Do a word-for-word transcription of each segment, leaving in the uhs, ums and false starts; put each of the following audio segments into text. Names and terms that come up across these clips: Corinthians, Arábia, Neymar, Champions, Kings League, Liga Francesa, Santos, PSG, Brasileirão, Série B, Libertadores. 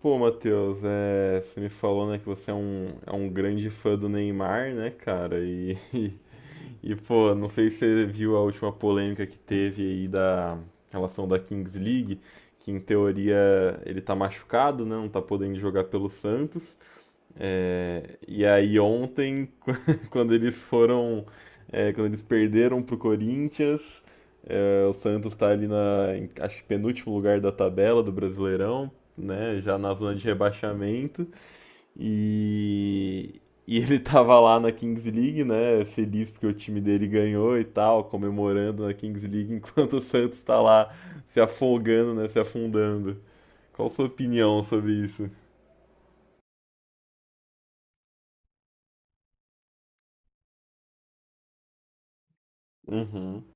Pô, Matheus, é, você me falou, né, que você é um, é um grande fã do Neymar, né, cara? E, e, pô, não sei se você viu a última polêmica que teve aí da relação da Kings League, que em teoria ele tá machucado, né, não tá podendo jogar pelo Santos. É, e aí ontem, quando eles foram, é, quando eles perderam pro Corinthians, é, o Santos tá ali na, em, acho que penúltimo lugar da tabela do Brasileirão, né, já na zona de rebaixamento, e, e ele tava lá na Kings League, né, feliz porque o time dele ganhou e tal, comemorando na Kings League, enquanto o Santos tá lá se afogando, né, se afundando. Qual a sua opinião sobre isso? Uhum.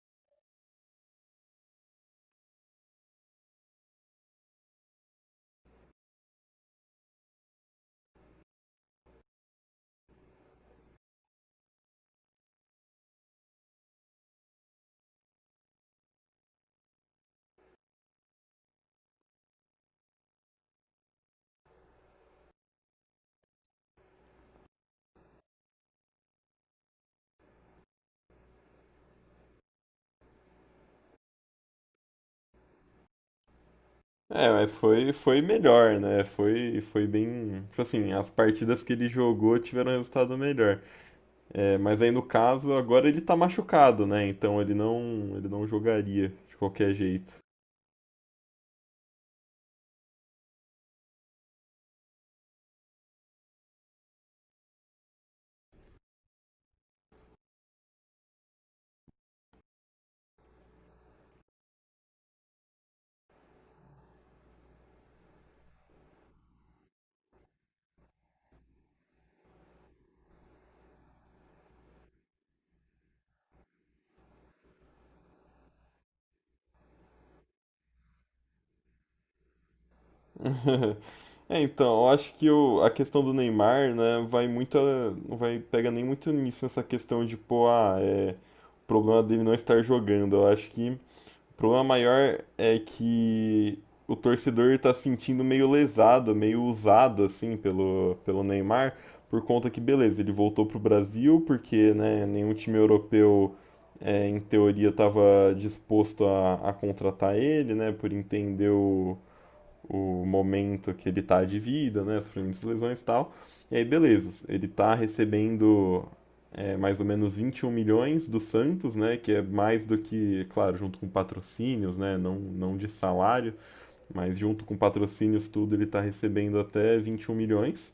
É, mas foi, foi melhor, né? Foi, foi bem. Tipo assim, as partidas que ele jogou tiveram resultado melhor. É, mas aí no caso, agora ele tá machucado, né? Então ele não, ele não jogaria de qualquer jeito. É, então, eu acho que o, a questão do Neymar, né, vai muito. a- Não vai pega nem muito nisso, essa questão de, pô, ah, é, o problema dele não estar jogando. Eu acho que. O problema maior é que o torcedor tá se sentindo meio lesado, meio usado, assim, pelo, pelo Neymar, por conta que, beleza, ele voltou pro Brasil, porque, né, nenhum time europeu, é, em teoria, estava disposto a, a contratar ele, né, por entender o, o momento que ele está de vida, né, sofrimento de lesões e tal. E aí, beleza, ele está recebendo é, mais ou menos 21 milhões do Santos, né, que é mais do que, claro, junto com patrocínios, né, não, não de salário, mas junto com patrocínios tudo, ele está recebendo até 21 milhões,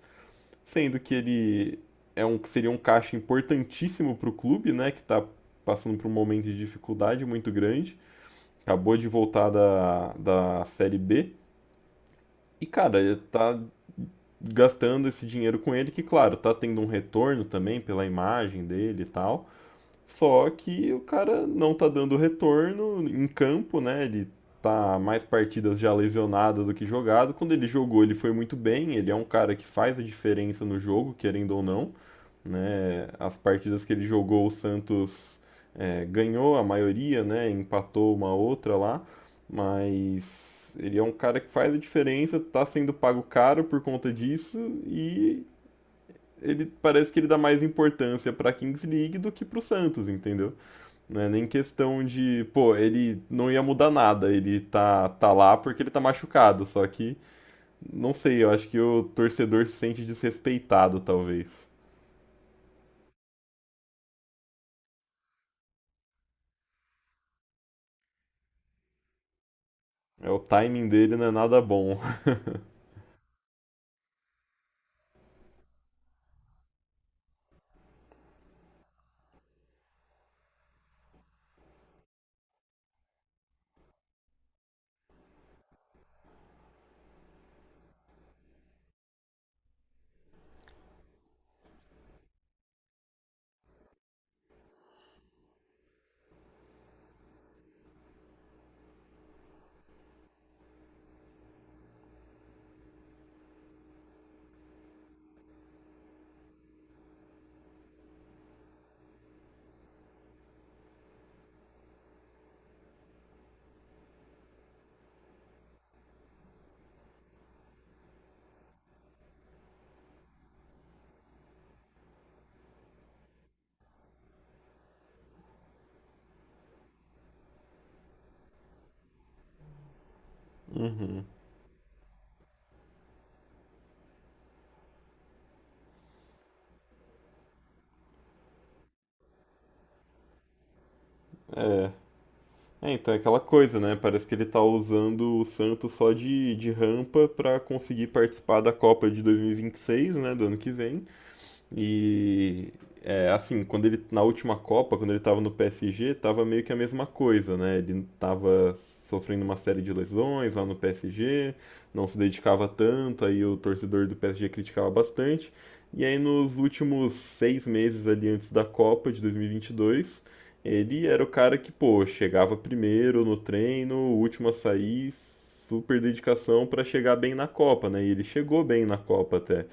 sendo que ele é um, seria um caixa importantíssimo para o clube, né, que está passando por um momento de dificuldade muito grande, acabou de voltar da, da Série B, e, cara, ele tá gastando esse dinheiro com ele, que, claro, tá tendo um retorno também pela imagem dele e tal. Só que o cara não tá dando retorno em campo, né? Ele tá mais partidas já lesionado do que jogado. Quando ele jogou, ele foi muito bem. Ele é um cara que faz a diferença no jogo, querendo ou não, né? As partidas que ele jogou, o Santos é, ganhou a maioria, né? Empatou uma outra lá, mas ele é um cara que faz a diferença, tá sendo pago caro por conta disso e ele parece que ele dá mais importância para a Kings League do que para o Santos, entendeu? Não é nem questão de, pô, ele não ia mudar nada, ele tá, tá lá porque ele tá machucado, só que, não sei, eu acho que o torcedor se sente desrespeitado, talvez. É, o timing dele não é nada bom. Uhum. É, então é aquela coisa, né? Parece que ele tá usando o Santos só de, de rampa pra conseguir participar da Copa de dois mil e e vinte e seis, né? Do ano que vem. E é, assim, quando ele na última Copa, quando ele estava no P S G, estava meio que a mesma coisa, né? Ele estava sofrendo uma série de lesões lá no P S G, não se dedicava tanto, aí o torcedor do P S G criticava bastante. E aí nos últimos seis meses ali antes da Copa de dois mil e vinte e dois, ele era o cara que, pô, chegava primeiro no treino, o último a sair, super dedicação para chegar bem na Copa, né? E ele chegou bem na Copa até.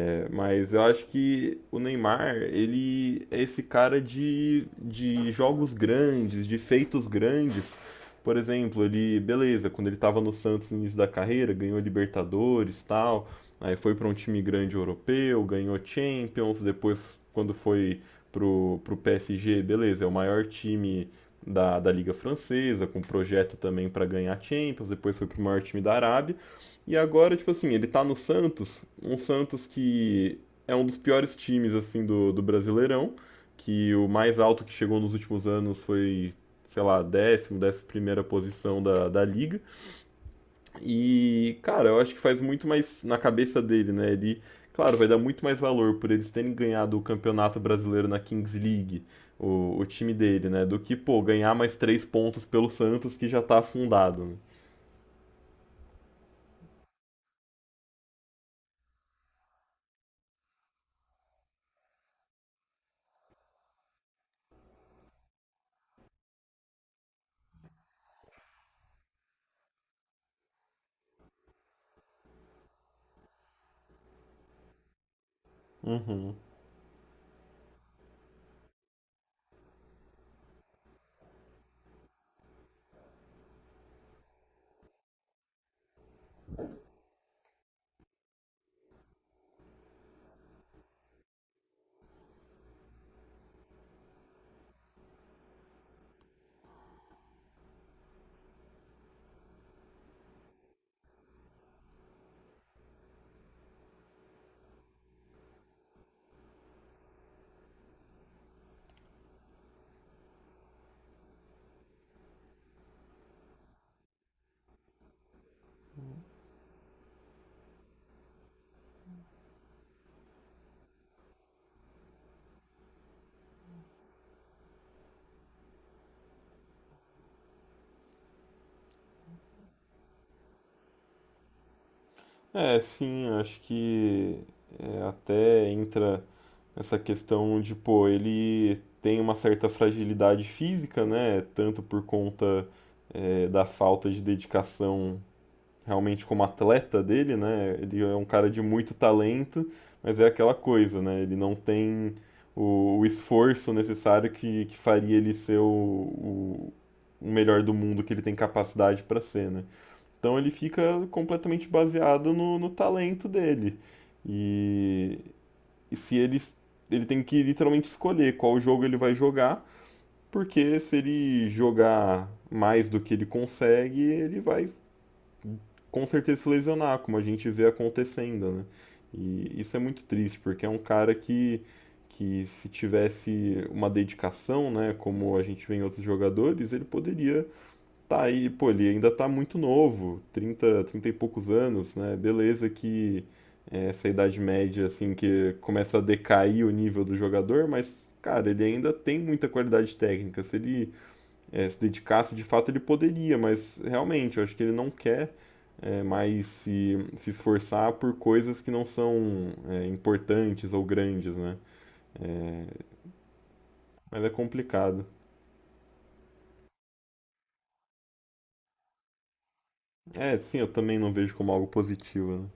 É, mas eu acho que o Neymar, ele é esse cara de, de jogos grandes, de feitos grandes. Por exemplo, ele, beleza, quando ele estava no Santos no início da carreira, ganhou Libertadores, tal, aí foi para um time grande europeu, ganhou Champions, depois quando foi pro, pro P S G, beleza, é o maior time da, da Liga Francesa, com projeto também para ganhar Champions, depois foi pro maior time da Arábia. E agora, tipo assim, ele tá no Santos, um Santos que é um dos piores times, assim, do, do Brasileirão, que o mais alto que chegou nos últimos anos foi, sei lá, décimo, décima primeira posição da, da liga. E, cara, eu acho que faz muito mais na cabeça dele, né? Ele, claro, vai dar muito mais valor por eles terem ganhado o Campeonato Brasileiro na Kings League, o, o time dele, né? Do que, pô, ganhar mais três pontos pelo Santos que já tá afundado, né? Uhum. É, sim, acho que é, até entra essa questão de, pô, ele tem uma certa fragilidade física, né? Tanto por conta é, da falta de dedicação realmente como atleta dele, né? Ele é um cara de muito talento, mas é aquela coisa, né? Ele não tem o, o esforço necessário que, que faria ele ser o, o, o melhor do mundo que ele tem capacidade para ser, né? Então ele fica completamente baseado no, no talento dele. E, e se ele, ele tem que literalmente escolher qual jogo ele vai jogar, porque se ele jogar mais do que ele consegue, ele vai com certeza se lesionar, como a gente vê acontecendo, né? E isso é muito triste, porque é um cara que, que se tivesse uma dedicação, né, como a gente vê em outros jogadores, ele poderia. Tá aí, pô, ele ainda tá muito novo, trinta trinta e poucos anos, né? Beleza que é, essa idade média, assim, que começa a decair o nível do jogador, mas, cara, ele ainda tem muita qualidade técnica. Se ele é, se dedicasse, de fato, ele poderia, mas realmente, eu acho que ele não quer é, mais se, se esforçar por coisas que não são é, importantes ou grandes, né? É, mas é complicado. É, sim, eu também não vejo como algo positivo, né?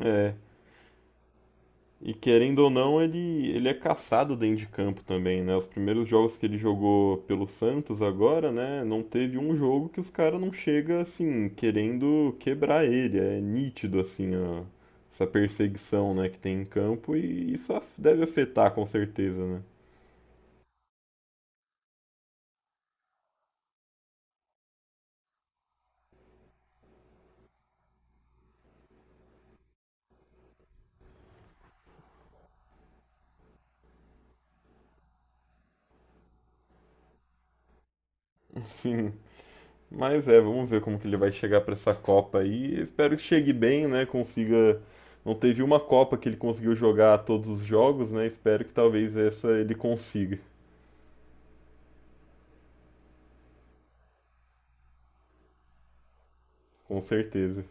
É, e querendo ou não, ele, ele é caçado dentro de campo também, né? Os primeiros jogos que ele jogou pelo Santos agora, né? Não teve um jogo que os caras não chega assim, querendo quebrar ele. É nítido, assim, ó, essa perseguição, né, que tem em campo e isso af- deve afetar com certeza, né? Sim. Mas é, vamos ver como que ele vai chegar pra essa Copa aí. Espero que chegue bem, né? Consiga. Não teve uma Copa que ele conseguiu jogar todos os jogos, né? Espero que talvez essa ele consiga. Com certeza.